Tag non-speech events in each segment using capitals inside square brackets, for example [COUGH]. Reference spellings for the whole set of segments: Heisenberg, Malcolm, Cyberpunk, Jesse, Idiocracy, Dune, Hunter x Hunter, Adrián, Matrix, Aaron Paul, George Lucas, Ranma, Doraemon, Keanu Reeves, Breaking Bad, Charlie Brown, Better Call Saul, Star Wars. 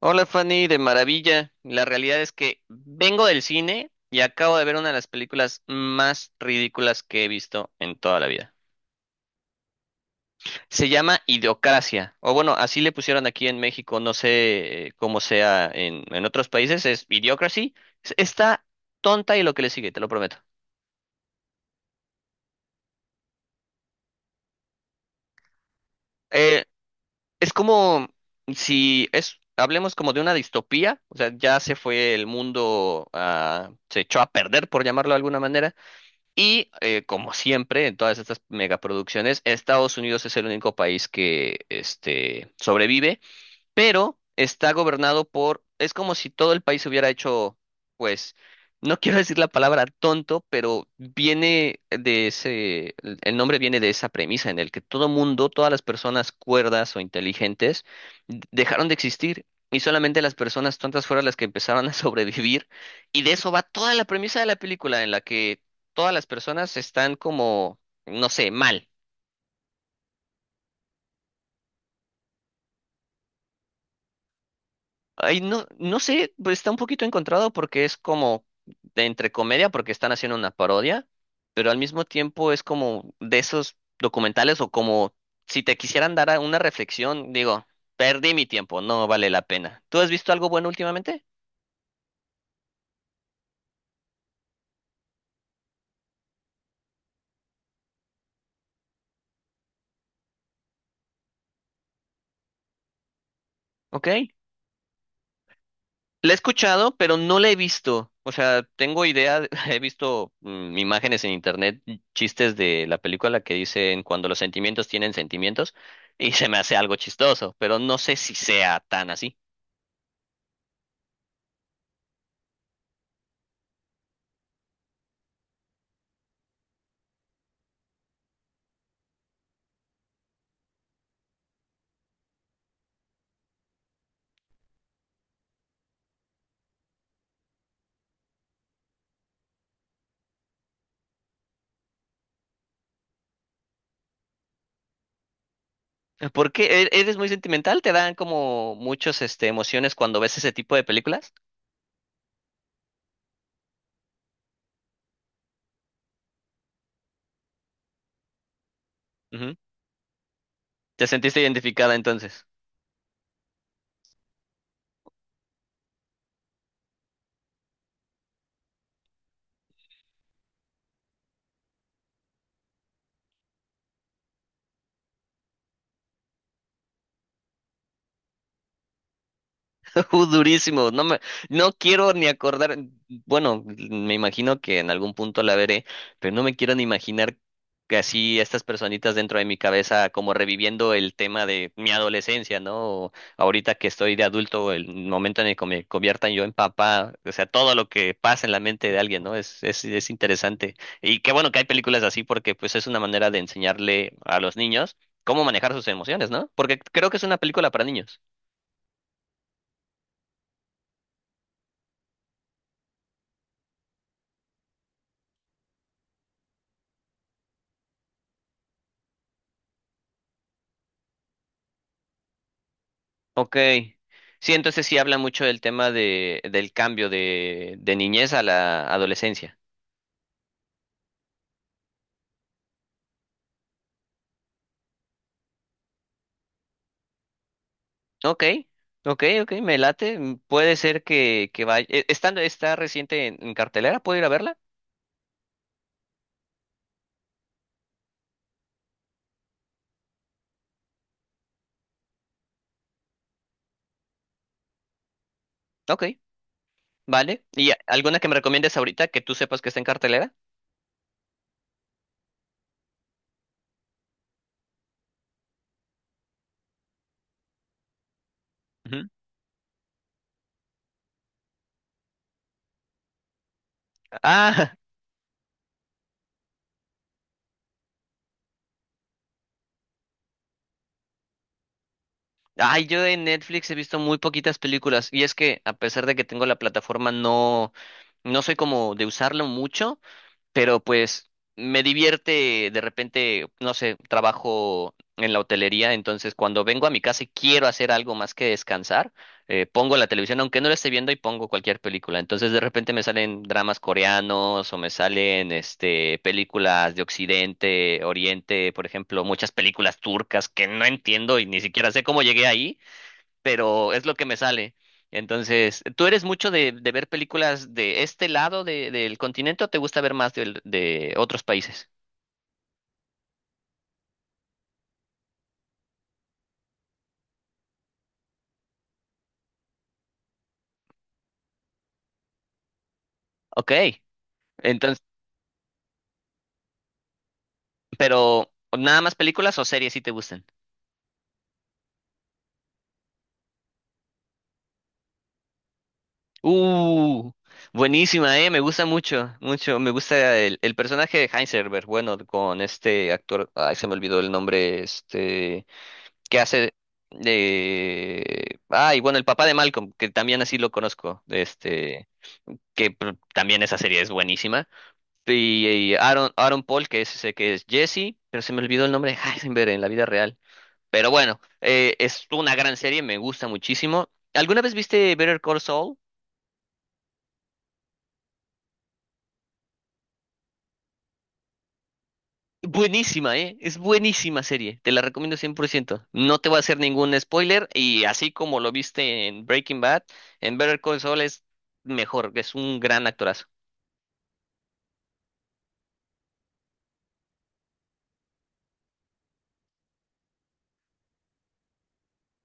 Hola Fanny, de maravilla. La realidad es que vengo del cine y acabo de ver una de las películas más ridículas que he visto en toda la vida. Se llama Idiocracia, o bueno, así le pusieron aquí en México, no sé cómo sea en otros países, es Idiocracy. Está tonta y lo que le sigue, te lo prometo. Eh, es como si es, hablemos como de una distopía, o sea, ya se fue el mundo, ah, se echó a perder, por llamarlo de alguna manera. Y como siempre, en todas estas megaproducciones, Estados Unidos es el único país que sobrevive, pero está gobernado por, es como si todo el país hubiera hecho, pues, no quiero [LAUGHS] decir la palabra tonto, pero viene de ese, el nombre viene de esa premisa en el que todo mundo, todas las personas cuerdas o inteligentes dejaron de existir. Y solamente las personas tontas fueron las que empezaron a [LAUGHS] sobrevivir. Y de eso va toda la premisa de la película, en la que todas las personas están como, no sé, mal. Ay, no, no sé, pues está un poquito encontrado porque es como de entre comedia, porque están haciendo una parodia, pero al mismo tiempo es como de esos documentales o como si te quisieran dar una reflexión, digo, perdí mi tiempo, no vale la pena. ¿Tú has visto algo bueno últimamente? Ok. La he escuchado, pero no la he visto. O sea, tengo idea, [LAUGHS] he visto imágenes en internet, chistes de la película que dicen cuando los sentimientos tienen sentimientos y se me hace algo chistoso, pero no sé si sea tan así. ¿Por qué? ¿Eres muy sentimental? ¿Te dan como muchas emociones cuando ves ese tipo de películas? Ujú. ¿Te sentiste identificada entonces? [LAUGHS] Durísimo, no me, no quiero ni acordar, bueno, me imagino que en algún punto la veré, pero no me quiero ni imaginar que así estas personitas dentro de mi cabeza como reviviendo el tema de mi adolescencia, ¿no? O ahorita que estoy de adulto, el momento en el que me conviertan yo en papá, o sea, todo lo que pasa en la mente de alguien, ¿no? Es interesante. Y qué bueno que hay películas así porque pues es una manera de enseñarle a los niños cómo manejar sus emociones, ¿no? Porque creo que es una película para niños. Ok. Sí, entonces sí habla mucho del tema del cambio de niñez a la adolescencia. Ok, ok, ok, me late. Puede ser que vaya. ¿Está reciente en cartelera? ¿Puedo ir a verla? Ok, vale. ¿Y alguna que me recomiendes ahorita que tú sepas que está en cartelera? Ujú. Ah, [LAUGHS] ay, yo en Netflix he visto muy poquitas películas y es que a pesar de que tengo la plataforma no soy como de usarlo mucho, pero pues me divierte de repente, no sé, trabajo en la hotelería, entonces cuando vengo a mi casa y quiero hacer algo más que descansar, pongo la televisión, aunque no la esté viendo, y pongo cualquier película. Entonces de repente me salen dramas coreanos o me salen películas de Occidente, Oriente, por ejemplo, muchas películas turcas que no entiendo y ni siquiera sé cómo llegué ahí, pero es lo que me sale. Entonces, ¿tú eres mucho de ver películas de este lado del continente o te gusta ver más otros países? Ok, entonces, pero ¿nada más películas o series si te gustan? Uh, Buenísima, me gusta mucho, mucho, me gusta el personaje de Heisenberg, bueno, con este actor, ay, se me olvidó el nombre, este, que hace de, ay, bueno, el papá de Malcolm, que también así lo conozco. Que también esa serie es buenísima. Y Aaron, Aaron Paul, que es ese que es Jesse, pero se me olvidó el nombre [LAUGHS] de Heisenberg en la vida real. Pero bueno, es una gran serie, me gusta muchísimo. ¿Alguna vez viste Better Call Saul? Buenísima, ¿eh? Es buenísima serie, te la recomiendo cien por ciento. No te voy a hacer ningún spoiler y así como lo viste en Breaking Bad, en Better Call Saul es mejor, es un gran actorazo.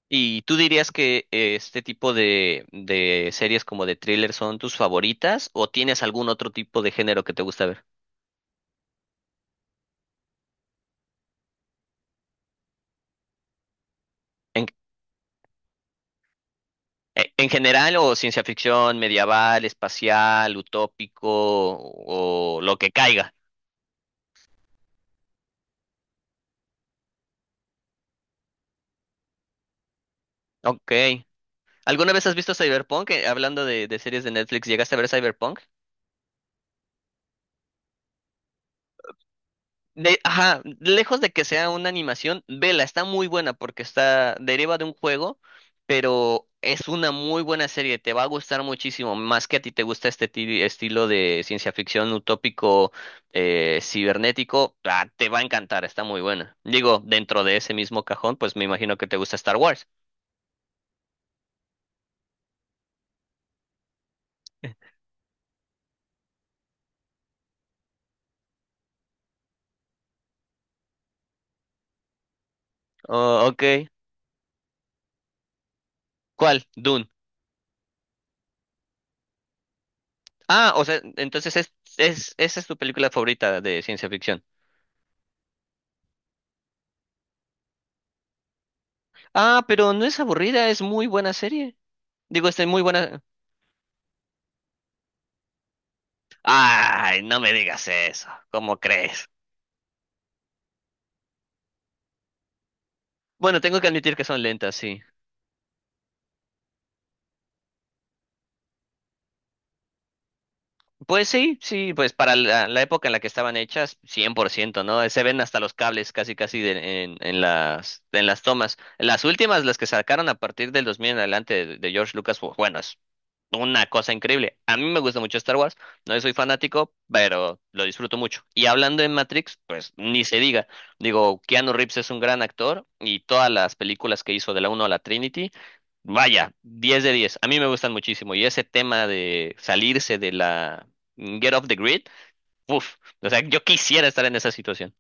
¿Y tú dirías que este tipo de series como de thriller son tus favoritas o tienes algún otro tipo de género que te gusta ver? En, en general o ciencia ficción, medieval, espacial, utópico o lo que caiga. Ok. ¿Alguna vez has visto Cyberpunk? Hablando de series de Netflix, ¿llegaste a ver Cyberpunk? Ajá, lejos de que sea una animación, vela, está muy buena porque deriva de un juego, pero es una muy buena serie, te va a gustar muchísimo, más que a ti te gusta este estilo de ciencia ficción utópico, cibernético, ah, te va a encantar, está muy buena. Digo, dentro de ese mismo cajón, pues me imagino que te gusta Star Wars. [LAUGHS] Oh, ok. ¿Cuál? Dune. Ah, o sea, entonces es, esa es tu película favorita de ciencia ficción. Ah, pero no es aburrida, es muy buena serie. Digo, es muy buena. Ay, no me digas eso. ¿Cómo crees? Bueno, tengo que admitir que son lentas, sí. Pues sí, sí, pues para la época en la que estaban hechas, cien por ciento, ¿no? Se ven hasta los cables casi, casi en las tomas. Las últimas, las que sacaron a partir del 2000 en adelante de George Lucas, bueno, una cosa increíble. A mí me gusta mucho Star Wars, no soy fanático, pero lo disfruto mucho. Y hablando de Matrix, pues ni se diga. Digo, Keanu Reeves es un gran actor y todas las películas que hizo de la uno a la Trinity, vaya, 10 de diez. A mí me gustan muchísimo y ese tema de salirse de la Get off the grid, uff, o sea, yo quisiera estar en esa situación.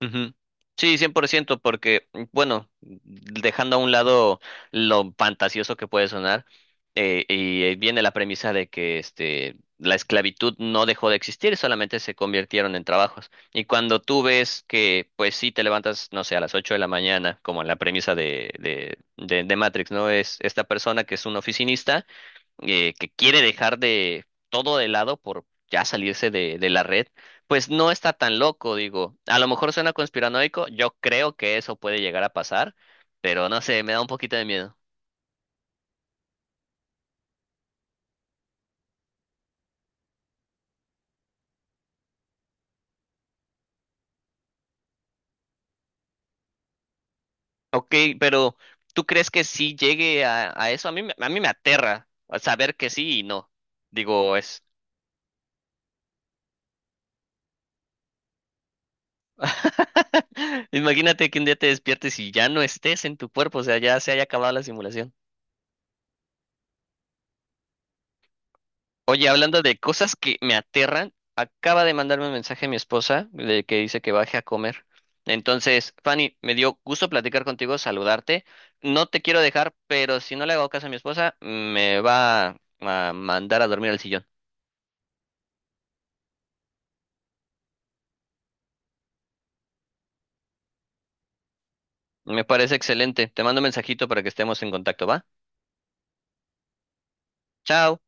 Ujú. Sí, 100%, porque, bueno, dejando a un lado lo fantasioso que puede sonar, y viene la premisa de que la esclavitud no dejó de existir, solamente se convirtieron en trabajos. Y cuando tú ves que, pues sí, te levantas, no sé, a las 8 de la mañana, como en la premisa de Matrix, ¿no? Es esta persona que es un oficinista, que quiere dejar de todo de lado por ya salirse de la red, pues no está tan loco, digo. A lo mejor suena conspiranoico, yo creo que eso puede llegar a pasar, pero no sé, me da un poquito de miedo. Ok, pero ¿tú crees que sí llegue a eso? A mí, a mí me aterra saber que sí y no. Digo, es. [LAUGHS] Imagínate que un día te despiertes y ya no estés en tu cuerpo, o sea, ya se haya acabado la simulación. Oye, hablando de cosas que me aterran, acaba de mandarme un mensaje mi esposa de que dice que baje a comer. Entonces, Fanny, me dio gusto platicar contigo, saludarte. No te quiero dejar, pero si no le hago caso a mi esposa, me va a mandar a dormir al sillón. Me parece excelente. Te mando un mensajito para que estemos en contacto, ¿va? Chao.